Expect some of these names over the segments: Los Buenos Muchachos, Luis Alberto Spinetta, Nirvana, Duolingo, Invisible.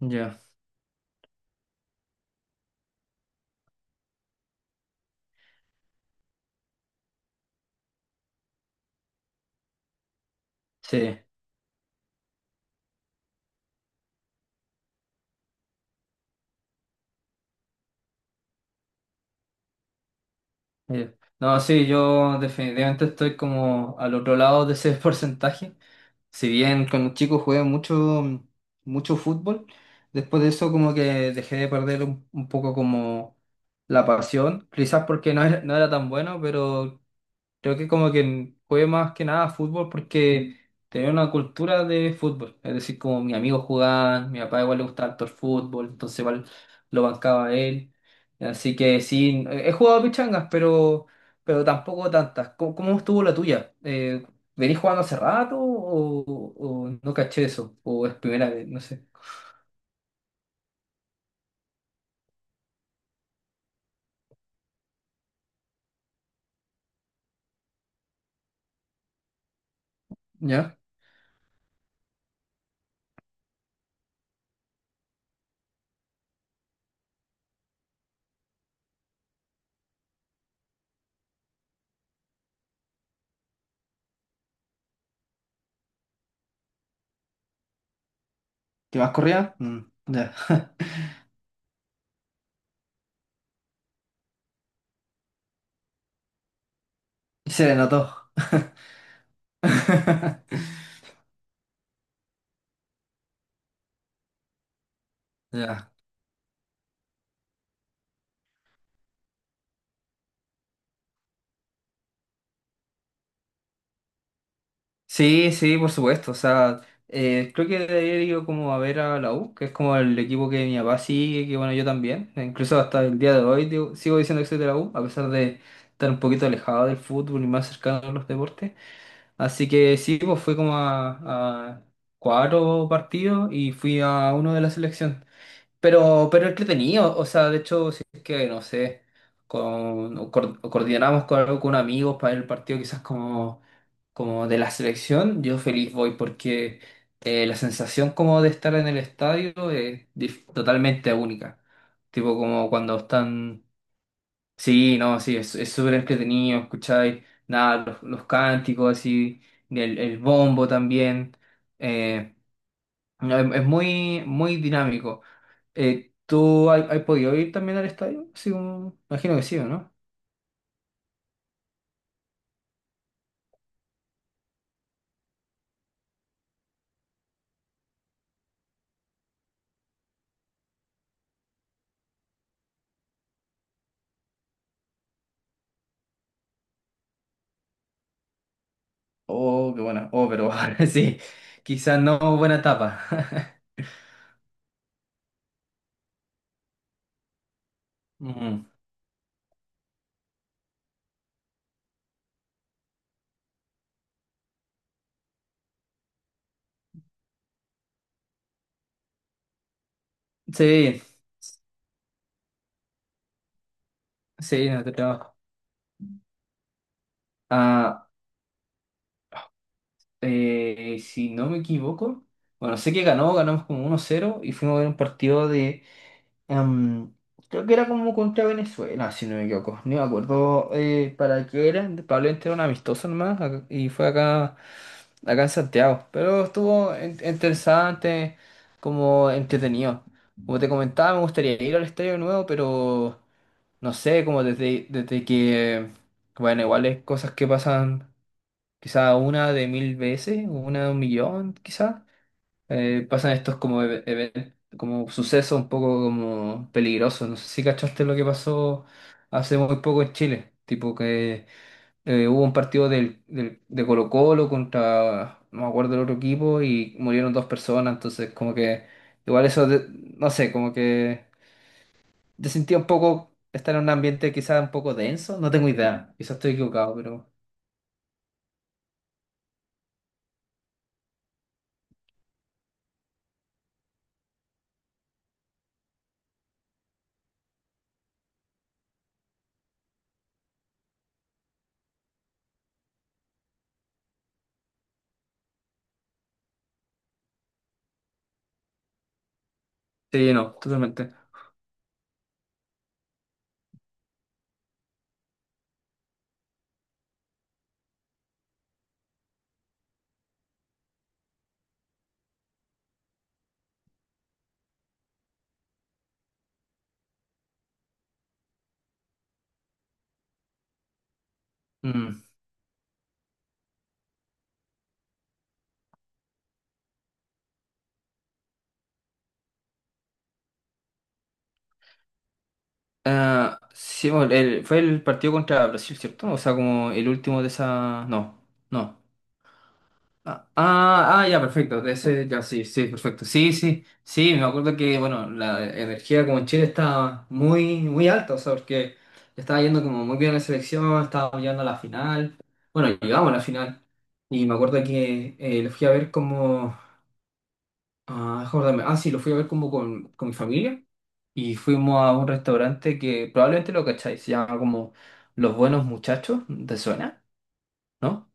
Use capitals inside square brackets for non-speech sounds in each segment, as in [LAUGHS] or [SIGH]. Ya, sí. No, sí, yo definitivamente estoy como al otro lado de ese [LAUGHS] porcentaje. Si bien con los chicos jugué mucho, mucho fútbol, después de eso como que dejé de perder un poco como la pasión, quizás porque no era tan bueno, pero creo que como que jugué más que nada fútbol porque tenía una cultura de fútbol. Es decir, como mis amigos jugaban, mi papá igual le gustaba harto el fútbol, entonces igual lo bancaba a él. Así que sí, he jugado pichangas, pero tampoco tantas. ¿Cómo estuvo la tuya? ¿Venís jugando hace rato o no caché eso? ¿O es primera vez? No sé. ¿Ya? ¿Te vas corrida? Mm, ya. [LAUGHS] Se le notó. [LAUGHS] Ya. Sí, sí, por supuesto. O sea, creo que de ayer iba como a ver a la U, que es como el equipo que mi papá sigue, que bueno, yo también. E incluso hasta el día de hoy digo- sigo diciendo que soy de la U, a pesar de estar un poquito alejado del fútbol y más cercano a los deportes. Así que sí, pues fui como a cuatro partidos y fui a uno de la selección. Pero entretenido, o sea, de hecho, si es que, no sé, o coordinamos con algo con amigos para el partido quizás como de la selección, yo feliz voy porque la sensación como de estar en el estadio es dif- totalmente única. Tipo como cuando están, sí, no, sí, es súper entretenido, escucháis, nada, los cánticos así, el bombo también, eh, no, es muy, muy dinámico. ¿Tú has, has podido ir también al estadio? Así como, imagino que sí, ¿o no? Oh, qué buena. Oh, pero [LAUGHS] sí, quizás no buena etapa. [LAUGHS] Ujú. Sí, sí, no te trabajo. Ah, si no me equivoco, bueno, sé que ganó, ganamos como 1-0 y fuimos a ver un partido de Em, creo que era como contra Venezuela, si no me equivoco. No me acuerdo para qué era. Probablemente era un amistoso nomás ac- y fue acá, en Santiago. Pero estuvo en- interesante, como entretenido. Como te comentaba, me gustaría ir al estadio de nuevo, pero no sé, como desde que, bueno, igual es cosas que pasan quizá una de mil veces, una de un millón, quizás pasan estos como eve- even- como sucesos un poco como peligrosos. No sé si cachaste lo que pasó hace muy poco en Chile. Tipo que hubo un partido de Colo-Colo contra, no me acuerdo el otro equipo, y murieron dos personas. Entonces, como que igual eso, no sé, como que te sentía un poco estar en un ambiente quizás un poco denso. No tengo idea, quizás estoy equivocado, pero sí, no, totalmente. Ah, sí, bueno, fue el partido contra Brasil, ¿cierto? O sea, como el último de esa... No, no. Ah, ah, ah, ya, perfecto. De ese, ya, sí, sí, perfecto. Sí, sí, sí, me acuerdo que, bueno, la energía como en Chile estaba muy, muy alta, o sea, porque estaba yendo como muy bien la selección, estaba llegando a la final. Bueno, llegamos a la final. Y me acuerdo que lo fui a ver como... Ah, déjame acordarme. Ah, sí, lo fui a ver como con mi familia y fuimos a un restaurante que probablemente lo cacháis, se llama como Los Buenos Muchachos, ¿te suena? ¿No?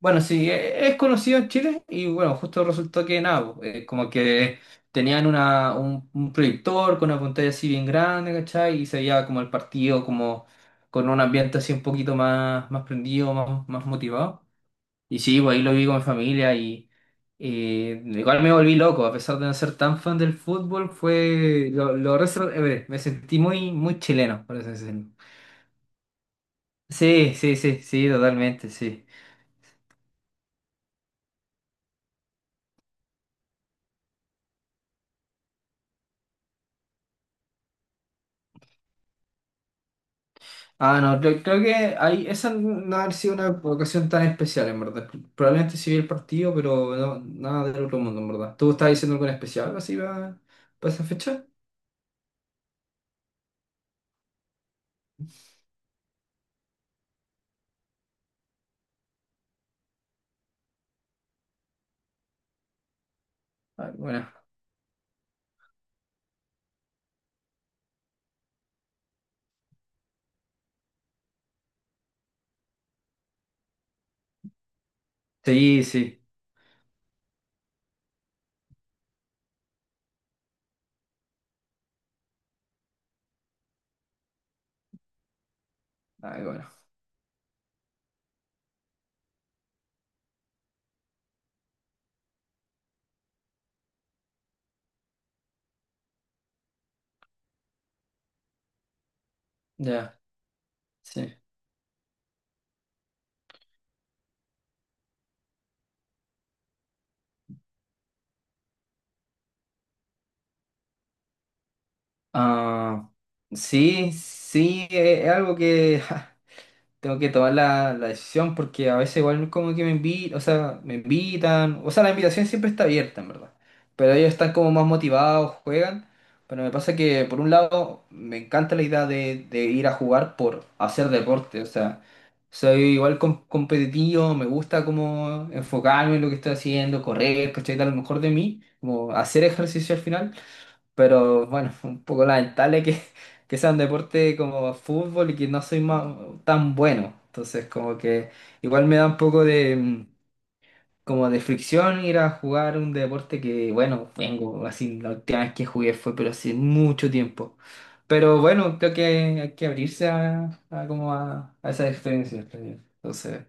Bueno, sí, es conocido en Chile y bueno, justo resultó que nada, po, como que tenían un proyector con una pantalla así bien grande, ¿cachai? Y se veía como el partido, como con un ambiente así un poquito más prendido, más motivado. Y sí, pues ahí lo vi con mi familia y igual me volví loco, a pesar de no ser tan fan del fútbol, fue ver, me sentí muy, muy chileno, por eso. Sí, sí, sí, sí, totalmente, sí. Ah, no, creo que ahí, esa no ha sido una ocasión tan especial, en verdad. Probablemente sí vi el partido, pero no, nada del otro mundo, en verdad. ¿Tú estabas diciendo algo en especial algo así para esa fecha? Ay, bueno. Sí, sí. Ay, bueno. Ya. Sí. Ah, sí, sí, es algo que ja, tengo que tomar la decisión porque a veces igual como que me invitan, o sea, me invitan, o sea, la invitación siempre está abierta, en verdad, pero ellos están como más motivados, juegan, pero me pasa que por un lado me encanta la idea de ir a jugar por hacer deporte, o sea, soy igual competitivo, me gusta como enfocarme en lo que estoy haciendo, correr, ¿cachai? Dar lo mejor de mí, como hacer ejercicio al final. Pero bueno, [LAUGHS] un poco lamentable que sea un deporte como fútbol y que no soy tan bueno. Entonces, como que igual me da un poco de, como de fricción ir a jugar un deporte que, bueno, vengo así, la última vez que jugué fue, pero hace mucho tiempo. Pero bueno, creo que hay que abrirse a como a esa experiencia. Entonces.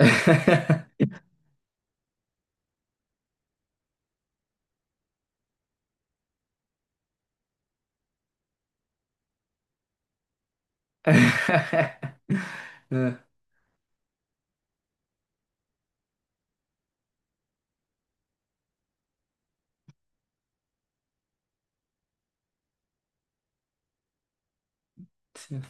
[LAUGHS] [LAUGHS] Ah, sí.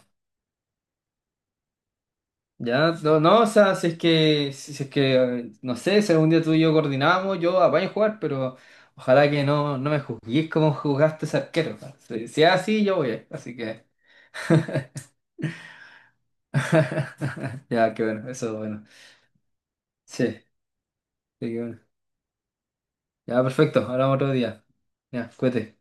Ya, no, no, o sea, si es que, no sé, si algún día tú y yo coordinamos, yo apaño a jugar, pero ojalá que no me juzguéis como juzgaste ese arquero. Pa. Si es así, yo voy, así que. [LAUGHS] Ya, qué bueno, eso es bueno. Sí, sí, qué bueno. Ya, perfecto, hablamos otro día. Ya, cuídate.